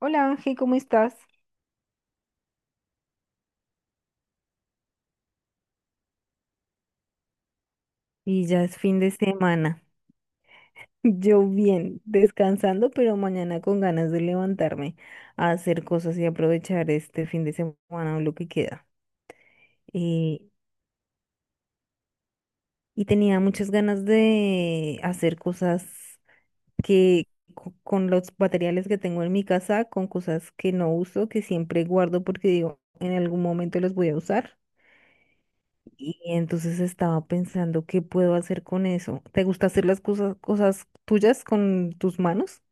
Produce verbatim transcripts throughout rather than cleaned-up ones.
Hola Ángel, ¿cómo estás? Y ya es fin de semana. Yo bien, descansando, pero mañana con ganas de levantarme a hacer cosas y aprovechar este fin de semana o lo que queda. Eh, y tenía muchas ganas de hacer cosas que co- con los materiales que tengo en mi casa, con cosas que no uso, que siempre guardo porque digo, en algún momento los voy a usar. Y entonces estaba pensando qué puedo hacer con eso. ¿Te gusta hacer las cosas, cosas tuyas con tus manos?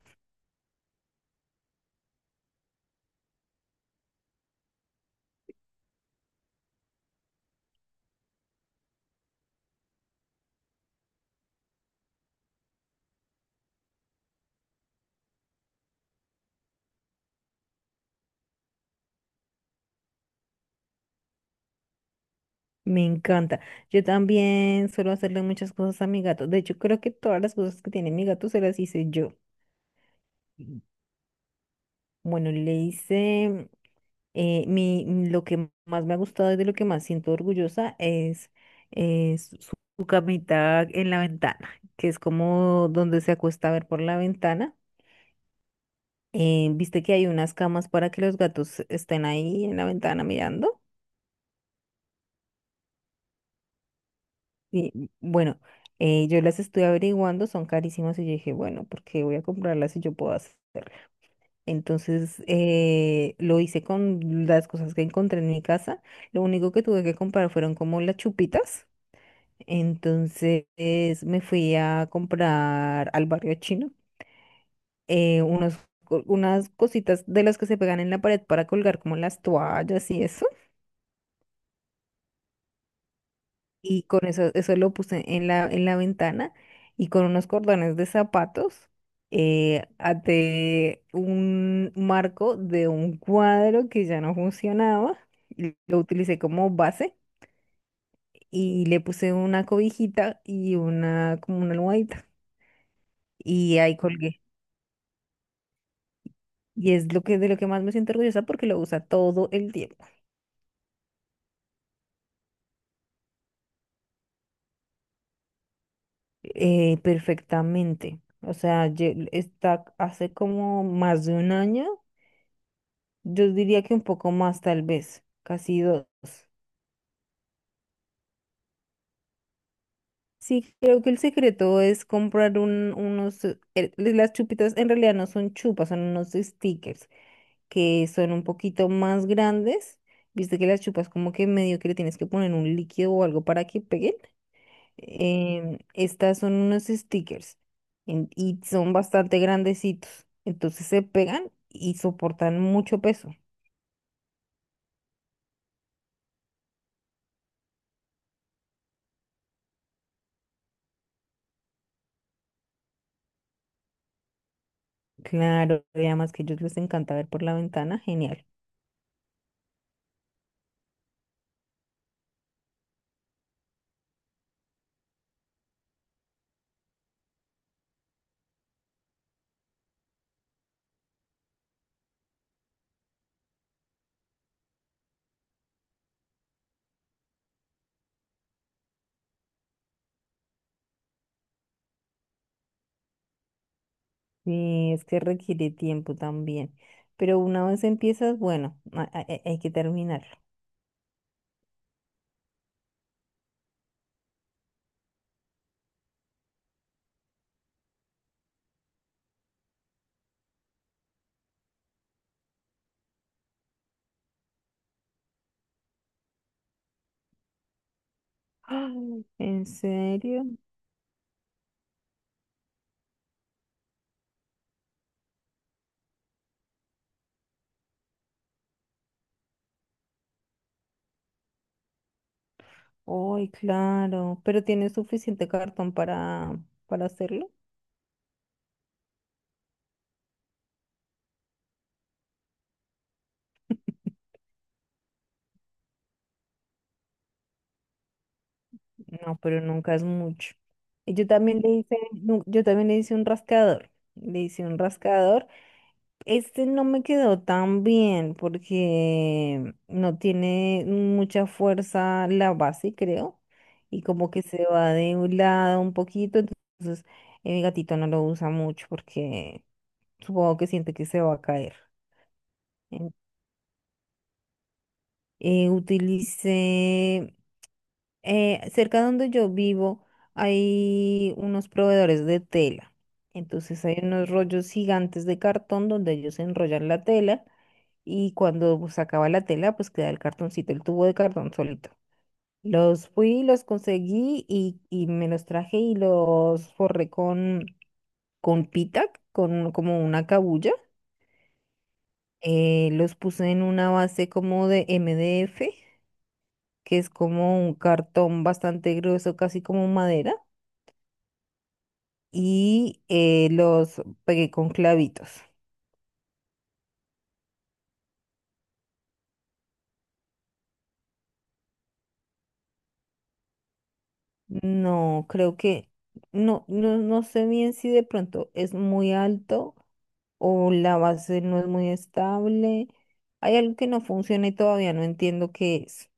Me encanta. Yo también suelo hacerle muchas cosas a mi gato. De hecho, creo que todas las cosas que tiene mi gato se las hice yo. Mm. Bueno, le hice eh, mi, mi- lo que más me ha gustado y de lo que más siento orgullosa es, es su su camita en la ventana, que es como donde se acuesta a ver por la ventana. Eh, ¿viste que hay unas camas para que los gatos estén ahí en la ventana mirando? Y mm, bueno, eh, yo las estuve averiguando, son carísimas y yo dije, bueno, ¿por qué voy a comprarlas si yo puedo hacer? Entonces eh, lo hice con las cosas que encontré en mi casa. Lo único que tuve que comprar fueron como las chupitas. Entonces me fui a comprar al barrio chino eh, unos co- unas cositas de las que se pegan en la pared para colgar como las toallas y eso. Y con eso, eso lo puse en la, en la ventana y con unos cordones de zapatos eh, até un marco de un cuadro que ya no funcionaba, y lo utilicé como base y le puse una cobijita y una como una almohadita y ahí colgué. Y es lo que de lo que más me siento orgullosa porque lo usa todo el tiempo, eh, perfectamente. O sea, lle- está hace como más de un año. Yo diría que un poco más, tal vez, casi dos. Sí, creo que el secreto es comprar un- unos... eh, las chupitas en realidad no son chupas, son unos stickers que son un poquito más grandes. Viste que las chupas como que medio que le tienes que poner un líquido o algo para que peguen. Em, estas son unos stickers en- y son bastante grandecitos. Entonces se pegan y soportan mucho peso. Claro, y además que a ellos les encanta ver por la ventana, genial. Sí, es que requiere tiempo también. Pero una vez empiezas, bueno, ha- ha- hay que terminarlo. ¡Ah! ¿En serio? Ay, claro. ¿Pero tienes suficiente cartón para, para hacerlo? No, pero nunca es mucho. Y yo también le hice, nu- yo también le hice un rascador. Le hice un rascador. Este no me quedó tan bien porque no tiene mucha fuerza la base, creo, y como que se va de un lado un poquito, entonces eh, mi gatito no lo usa mucho porque supongo que siente que se va a caer. En- eh, utilicé eh, cerca donde yo vivo hay unos proveedores de tela. Entonces hay unos rollos gigantes de cartón donde ellos enrollan la tela y cuando pues, se acaba la tela, pues queda el cartoncito, el tubo de cartón solito. Los fui, los conseguí y, y me los traje y los forré con, con pita, con como una cabulla. Eh, los puse en una base como de M D F, que es como un cartón bastante grueso, casi como madera y eh, los pegué con clavitos. No, creo que no, no, no sé bien si de pronto es muy alto o la base no es muy estable. Hay algo que no funciona y todavía no entiendo qué es.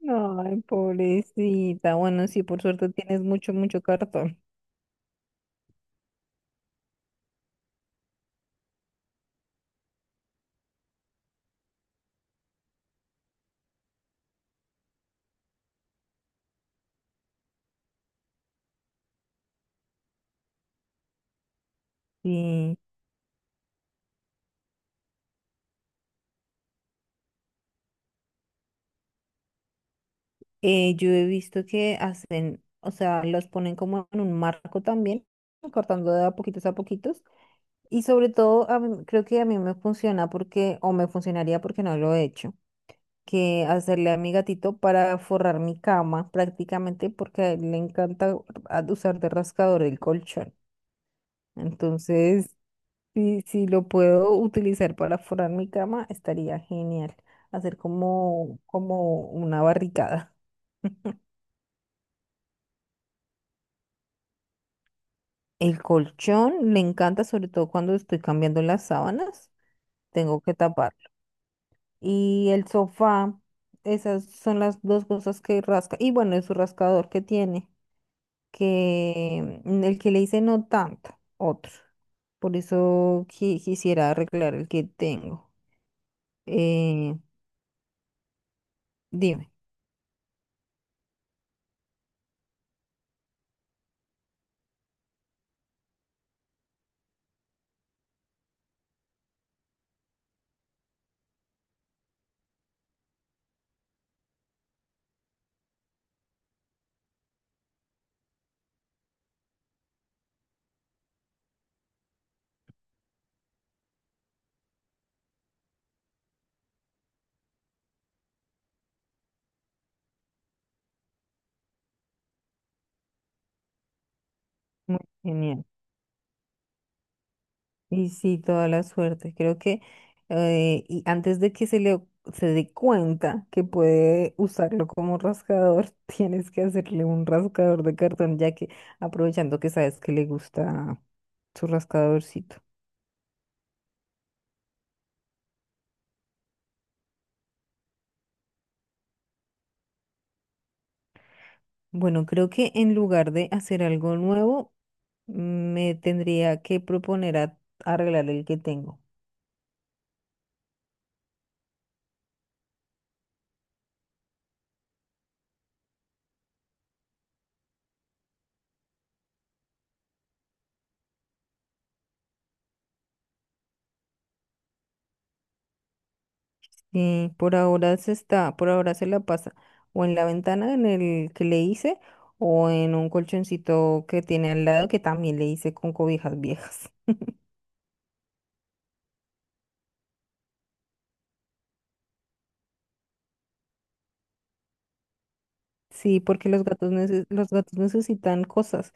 Ay, pobrecita. Bueno, sí, por suerte tienes mucho, mucho cartón. Sí. Eh, yo he visto que hacen, o sea, los ponen como en un marco también, cortando de a poquitos a poquitos. Y sobre todo, a mí- creo que a mí me funciona porque, o me funcionaría porque no lo he hecho, que hacerle a mi gatito para forrar mi cama prácticamente porque a él le encanta a- usar de rascador el colchón. Entonces, si, si lo puedo utilizar para forrar mi cama, estaría genial. Hacer como, como una barricada. El colchón le encanta, sobre todo cuando estoy cambiando las sábanas, tengo que tapar. Y el sofá. Esas son las dos cosas que rasca. Y bueno, es su rascador que tiene, que mm, el que le hice no tanto, otro. Por eso qui- quisiera arreglar el que tengo. Eh, dime. Muy genial. Y sí, toda la suerte. Creo que eh, y antes de que se le o- se dé cuenta que puede usarlo como rascador, tienes que hacerle un rascador de cartón, ya que aprovechando que sabes que le gusta su rascadorcito. Bueno, creo que en lugar de hacer algo nuevo, me tendría que proponer a arreglar el que tengo. Sí, por ahora se está, por ahora se la pasa o en la ventana en el que le hice o en un colchoncito que tiene al lado que también le hice con cobijas viejas. Sí, porque los gatos neces- los gatos necesitan cosas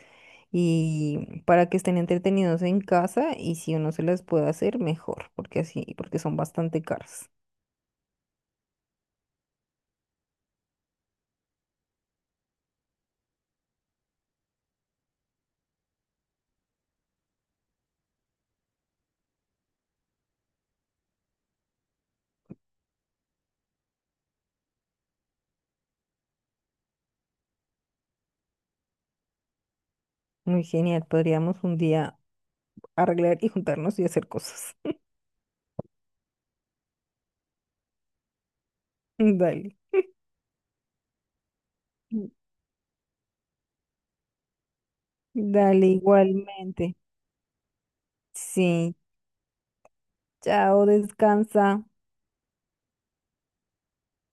y para que estén entretenidos en casa y si uno se las puede hacer mejor, porque así, porque son bastante caras. Muy genial, podríamos un día arreglar y juntarnos y hacer cosas. Dale, dale igualmente. Sí. Chao, descansa.